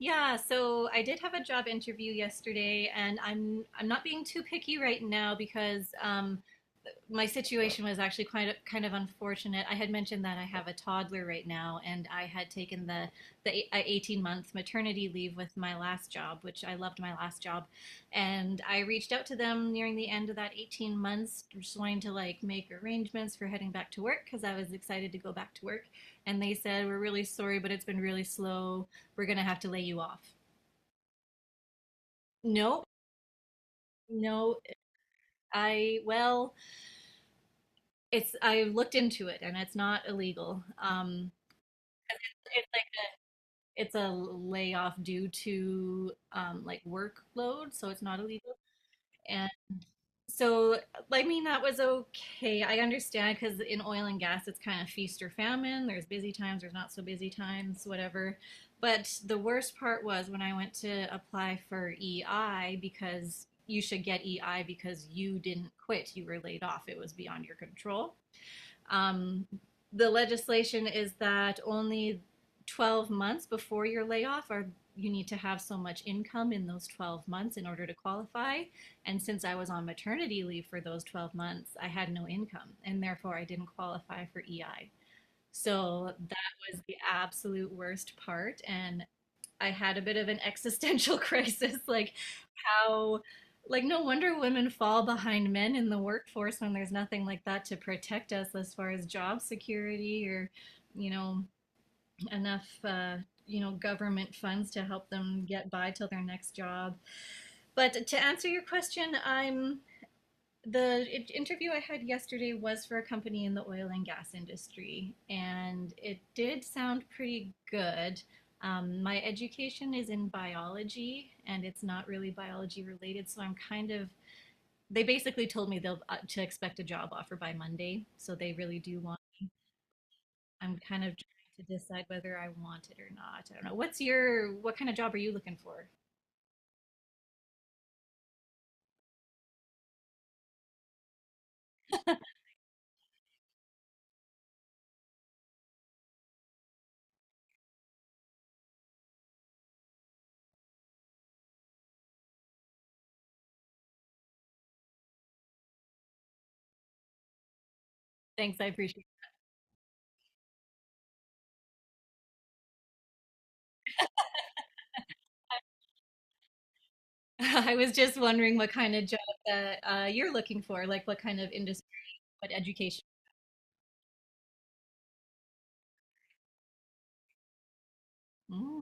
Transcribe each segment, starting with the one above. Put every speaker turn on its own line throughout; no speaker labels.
Yeah, so I did have a job interview yesterday, and I'm not being too picky right now because my situation was actually quite kind of unfortunate. I had mentioned that I have a toddler right now, and I had taken the 18-month maternity leave with my last job, which I loved my last job, and I reached out to them nearing the end of that 18 months, just wanting to like make arrangements for heading back to work because I was excited to go back to work, and they said we're really sorry, but it's been really slow. We're gonna have to lay you off. No, no, I well, I looked into it, and it's not illegal. It's like it's a layoff due to like workload, so it's not illegal. And so, I mean, that was okay. I understand because in oil and gas, it's kind of feast or famine. There's busy times, there's not so busy times, whatever. But the worst part was when I went to apply for EI, because you should get EI because you didn't quit, you were laid off, it was beyond your control. Um, the legislation is that only 12 months before your layoff are, you need to have so much income in those 12 months in order to qualify. And since I was on maternity leave for those 12 months, I had no income and therefore I didn't qualify for EI. So that was the absolute worst part. And I had a bit of an existential crisis, like, how, like, no wonder women fall behind men in the workforce when there's nothing like that to protect us as far as job security or you know enough government funds to help them get by till their next job. But to answer your question, I'm the interview I had yesterday was for a company in the oil and gas industry, and it did sound pretty good. My education is in biology, and it's not really biology related, so I'm kind of they basically told me they'll to expect a job offer by Monday. So they really do want. I'm kind of trying to decide whether I want it or not. I don't know. What kind of job are you looking for? Thanks, I appreciate. It. I was just wondering what kind of job that you're looking for, like what kind of industry, what education. Mm,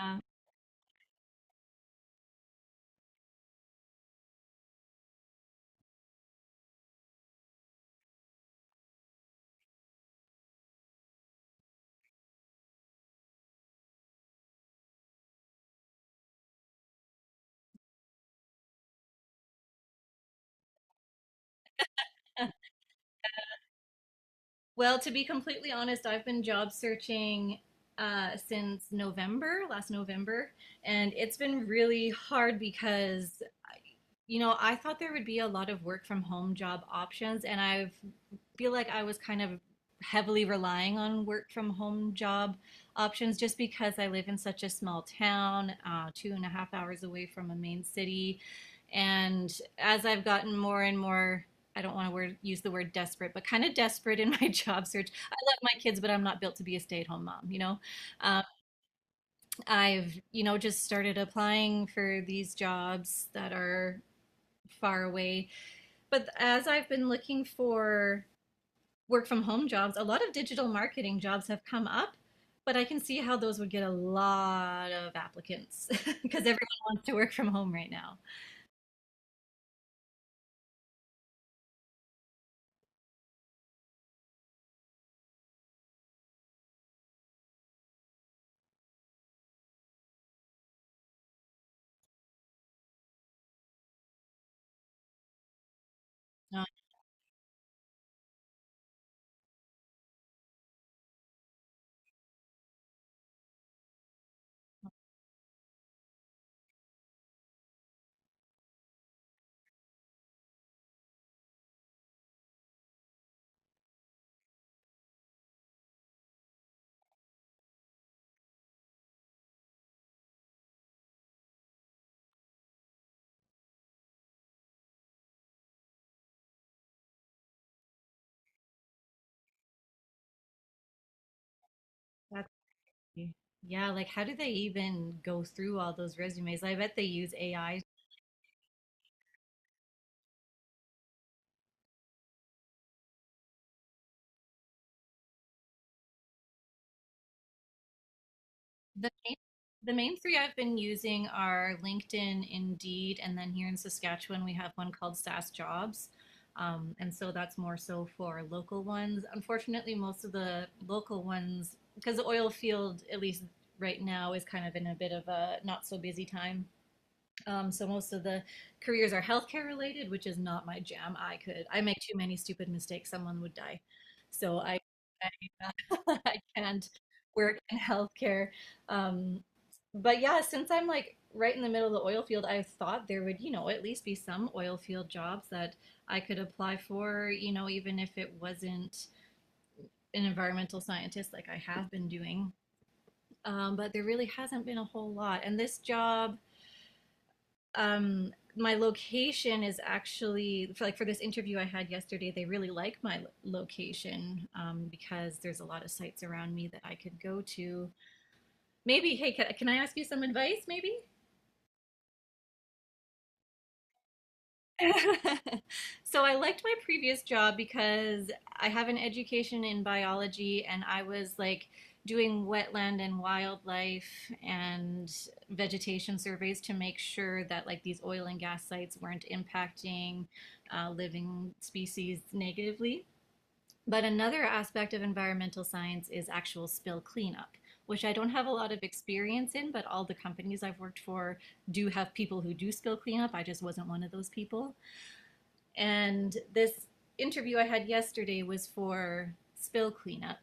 yeah. Well, to be completely honest, I've been job searching since November, last November, and it's been really hard because I thought there would be a lot of work from home job options, and I feel like I was kind of heavily relying on work from home job options just because I live in such a small town, 2.5 hours away from a main city. And as I've gotten more and more, I don't want to use the word desperate, but kind of desperate in my job search. I love my kids, but I'm not built to be a stay-at-home mom, you know? Um, I've, just started applying for these jobs that are far away, but as I've been looking for work from home jobs, a lot of digital marketing jobs have come up, but I can see how those would get a lot of applicants because everyone wants to work from home right now. No, that's- yeah, like, how do they even go through all those resumes? I bet they use AI. The main, the main three I've been using are LinkedIn, Indeed, and then here in Saskatchewan, we have one called SAS Jobs. And so that's more so for local ones. Unfortunately, most of the local ones, because the oil field, at least right now, is kind of in a bit of a not so busy time. So most of the careers are healthcare related, which is not my jam. I make too many stupid mistakes, someone would die. So I can't work in healthcare. Um, but yeah, since I'm like right in the middle of the oil field, I thought there would, at least be some oil field jobs that I could apply for, even if it wasn't an environmental scientist like I have been doing. But there really hasn't been a whole lot. And this job um, my location is actually, for like, for this interview I had yesterday, they really like my location because there's a lot of sites around me that I could go to. Maybe, hey, can I ask you some advice? Maybe. So I liked my previous job because I have an education in biology, and I was like doing wetland and wildlife and vegetation surveys to make sure that, like, these oil and gas sites weren't impacting living species negatively. But another aspect of environmental science is actual spill cleanup, which I don't have a lot of experience in, but all the companies I've worked for do have people who do spill cleanup. I just wasn't one of those people. And this interview I had yesterday was for spill cleanup,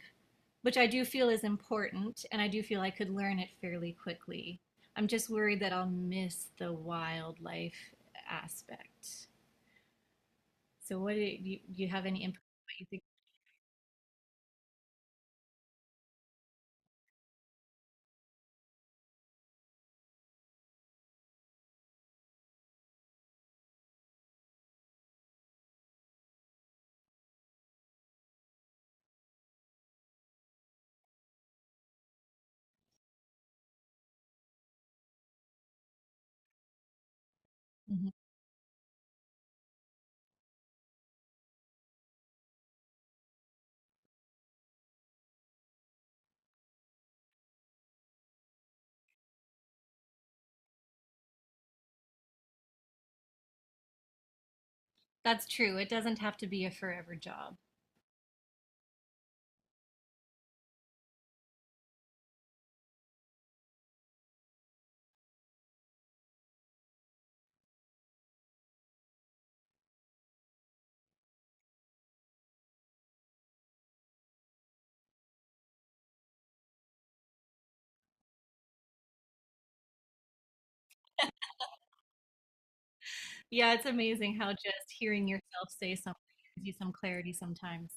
which I do feel is important, and I do feel I could learn it fairly quickly. I'm just worried that I'll miss the wildlife aspect. So, do you have any input? What you think? Mhm. That's true. It doesn't have to be a forever job. Yeah, it's amazing how just hearing yourself say something gives you some clarity sometimes.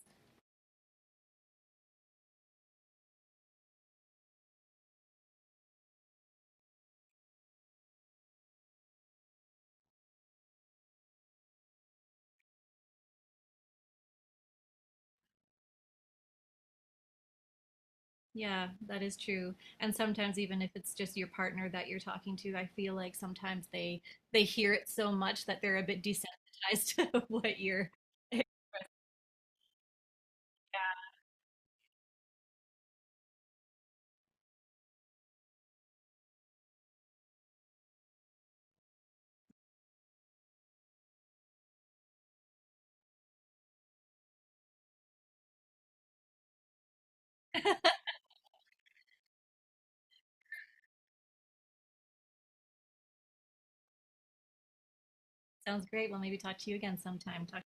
Yeah, that is true. And sometimes even if it's just your partner that you're talking to, I feel like sometimes they hear it so much that they're a bit desensitized to what you're. Sounds great. Well, maybe talk to you again sometime. Talk